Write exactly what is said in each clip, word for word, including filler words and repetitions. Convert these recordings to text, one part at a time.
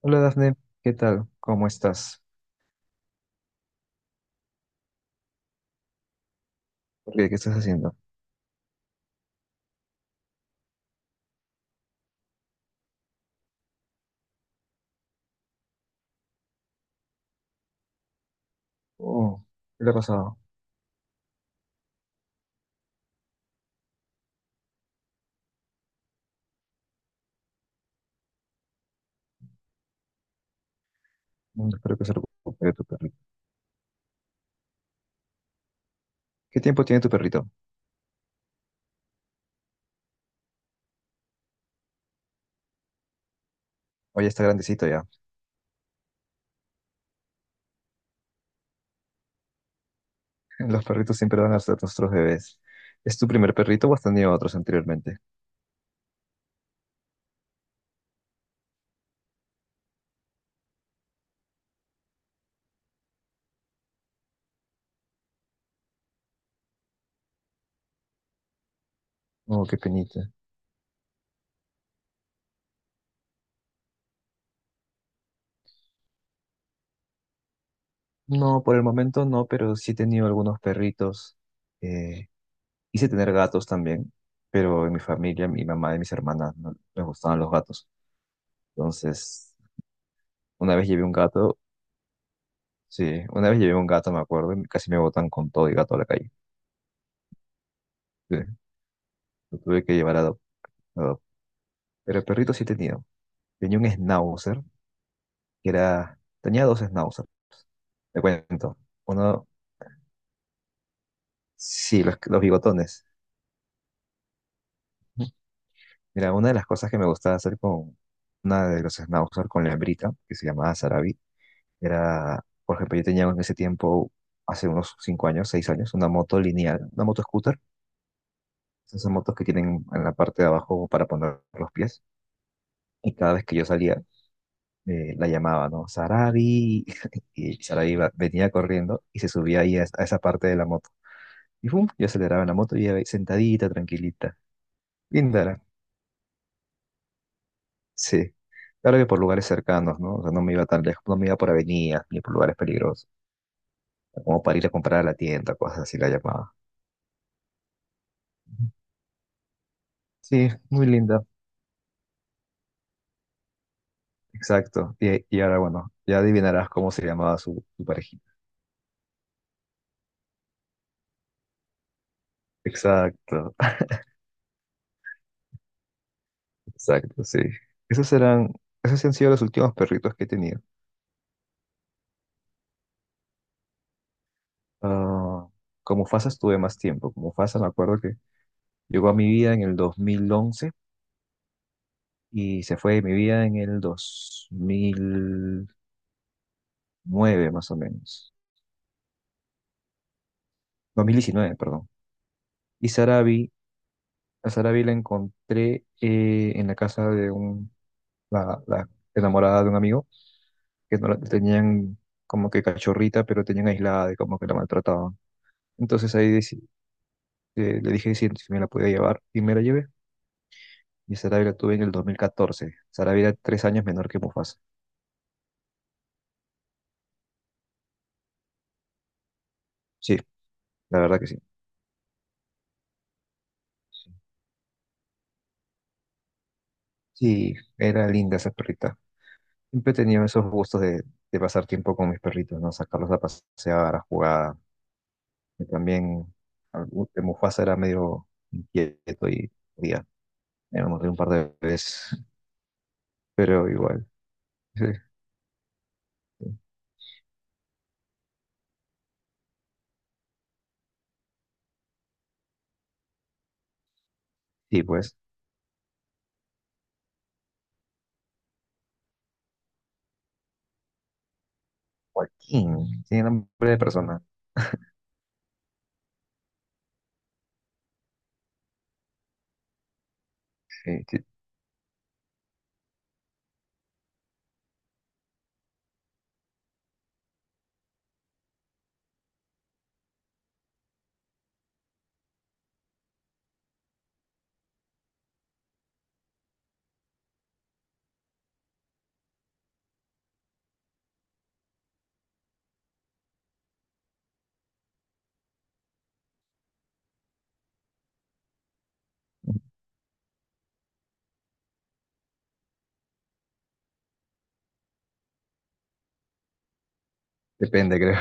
Hola Dafne, ¿qué tal? ¿Cómo estás? ¿Por ¿Qué, qué estás haciendo? Oh, ¿qué le ha pasado? Mm, espero que se recupere tu perrito. ¿Qué tiempo tiene tu perrito? Oye, está grandecito ya. Los perritos siempre van a ser nuestros bebés. ¿Es tu primer perrito o has tenido otros anteriormente? Oh, qué penita. No, por el momento no, pero sí he tenido algunos perritos. Eh, quise tener gatos también, pero en mi familia, mi mamá y mis hermanas no les gustaban los gatos. Entonces, una vez llevé un gato sí, una vez llevé un gato, me acuerdo, y casi me botan con todo y gato a la calle. Sí, lo tuve que llevar a adop- a adop- pero perrito sí tenía. Tenía un schnauzer, que era... tenía dos schnauzers, te cuento. Uno, sí, los, los bigotones. Mira, una de las cosas que me gustaba hacer con una de los schnauzers, con la hembrita, que se llamaba Sarabi, era, por ejemplo, yo tenía en ese tiempo, hace unos cinco años, seis años, una moto lineal, una moto scooter. Esas motos que tienen en la parte de abajo para poner los pies. Y cada vez que yo salía, eh, la llamaba, ¿no? Sarabi. Y Sarabi iba- venía corriendo y se subía ahí a, a esa parte de la moto. Y pum, yo aceleraba la moto y iba ahí sentadita, tranquilita. Linda, era, sí. Claro que por lugares cercanos, ¿no? O sea, no me iba tan lejos, no me iba por avenidas ni por lugares peligrosos. Como para ir a comprar a la tienda, cosas así la llamaba. Sí, muy linda, exacto. Y, y ahora, bueno, ya adivinarás cómo se llamaba su, su parejita. Exacto, exacto, sí. Esos eran, esos sí han sido los últimos perritos que he tenido. Ah, como FASA estuve más tiempo. Como FASA me acuerdo que llegó a mi vida en el dos mil once y se fue de mi vida en el dos mil nueve más o menos. dos mil diecinueve, perdón. Y Sarabi, a Sarabi la encontré eh, en la casa de un, la, la enamorada de un amigo que no la tenían como que cachorrita, pero tenían aislada y como que la maltrataban. Entonces ahí deci- eh, le dije si si me la podía llevar y me la llevé. Y Sarabia la tuve en el dos mil catorce. Sarabia era tres años menor que Mufasa. Sí, la verdad que sí. Sí, era linda esa perrita. Siempre he tenido esos gustos de, de pasar tiempo con mis perritos, ¿no? Sacarlos a pasear, a jugar. Y también algún- Mufasa era medio inquieto y ya, me lo mordió un par de veces, pero igual. Sí, sí, pues, Joaquín, tiene nombre de persona. Sí, sí, depende, creo.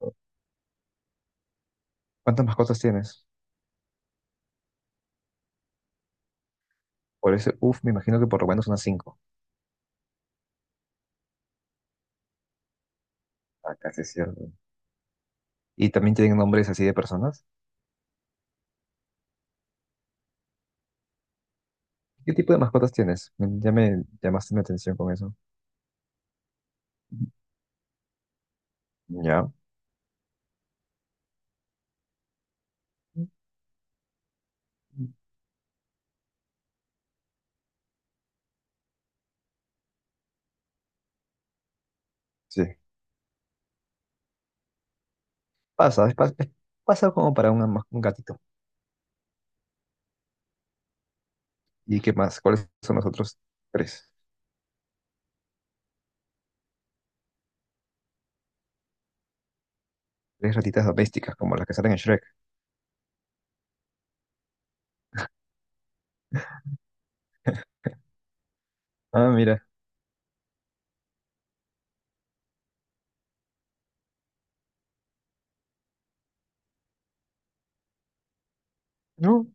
¿Cuántas mascotas tienes? Por ese, uff, me imagino que por lo menos unas cinco. Ah, casi es cierto. Y también tienen nombres así de personas. ¿Qué tipo de mascotas tienes? Me- Ya me llamaste mi atención con eso. Ya. Sí. Pasa, es pas- es- pasa como para una ma- un gatito. ¿Y qué más? ¿Cuáles son los otros tres? Tres ratitas domésticas, como las que salen en Shrek. Ah, mira. No,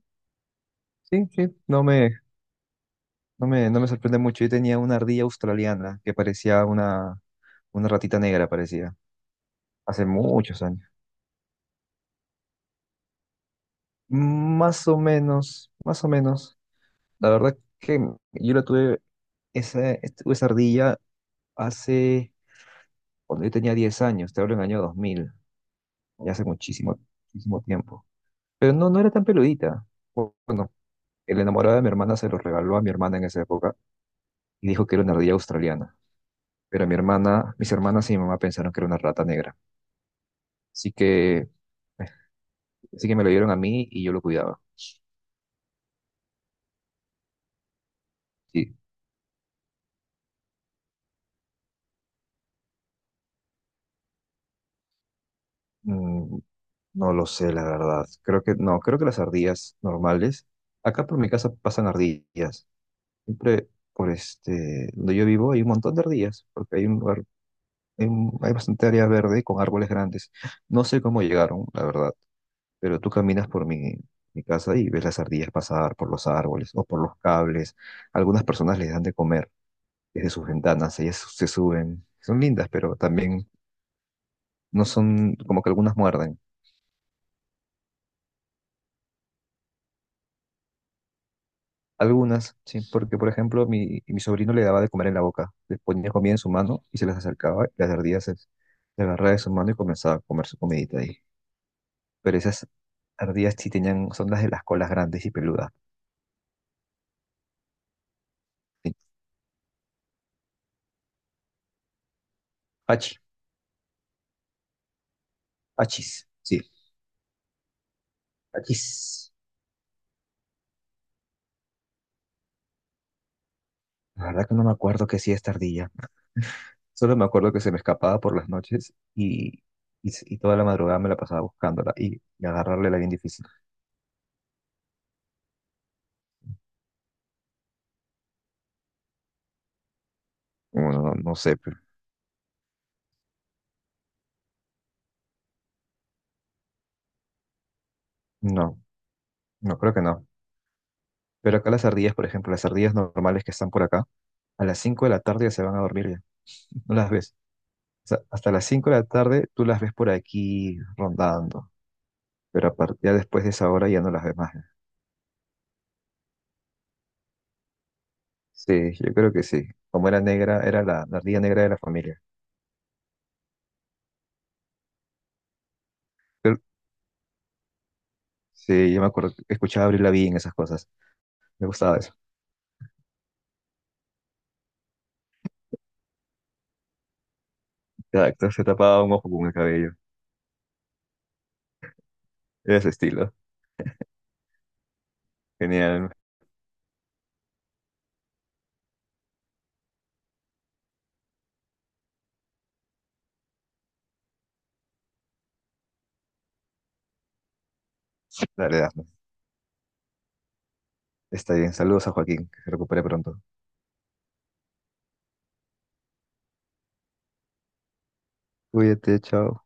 sí, sí. No me, no me, no me sorprende mucho. Yo tenía una ardilla australiana que parecía una, una ratita negra, parecía. Hace muchos años. Más o menos, más o menos. La verdad que yo la tuve, esa, tuve esa ardilla hace, cuando yo tenía diez años, te hablo en el año dos mil ya hace muchísimo, muchísimo tiempo. Pero no, no era tan peludita. Bu- Bueno, el enamorado de mi hermana se lo regaló a mi hermana en esa época y dijo que era una ardilla australiana. Pero mi hermana, mis hermanas y mi mamá pensaron que era una rata negra. Así que, eh, así que me lo dieron a mí y yo lo cuidaba. Sí. Mm, no lo sé, la verdad. Creo que no, creo que las ardillas normales, acá por mi casa pasan ardillas. Siempre por este, donde yo vivo hay un montón de ardillas, porque hay un lugar, hay, un- hay bastante área verde con árboles grandes. No sé cómo llegaron, la verdad, pero tú caminas por mi, mi casa y ves las ardillas pasar por los árboles o por los cables. Algunas personas les dan de comer desde sus ventanas, ellas se suben. Son lindas, pero también no son como que algunas muerden. Algunas, sí, porque por ejemplo mi, mi sobrino le daba de comer en la boca, le ponía comida en su mano y se las acercaba y las ardillas se, le agarraba de su mano y comenzaba a comer su comidita ahí. Pero esas ardillas sí tenían, son las de las colas grandes y peludas. Sí. Hachi, hachis, sí, hachis. La verdad que no me acuerdo qué hacía esta ardilla. Solo me acuerdo que se me escapaba por las noches y, y, y toda la madrugada me la pasaba buscándola y, y agarrarle era bien difícil. Bueno, no, no sé, pero- no, no creo que no. Pero acá las ardillas, por ejemplo, las ardillas normales que están por acá, a las cinco de la tarde ya se van a dormir ya. No las ves. O sea, hasta las cinco de la tarde tú las ves por aquí rondando. Pero a par- ya después de esa hora ya no las ves más. Sí, yo creo que sí. Como era negra, era la, la ardilla negra de la familia. Pero- sí, yo me acuerdo, que escuchaba a Avril Lavigne, esas cosas. Me gustaba eso. Exacto, se tapaba un ojo con el cabello. Era Ese estilo. Genial. Dale, Dafne. Está bien. Saludos a Joaquín, que se recupere pronto. Cuídate, chao.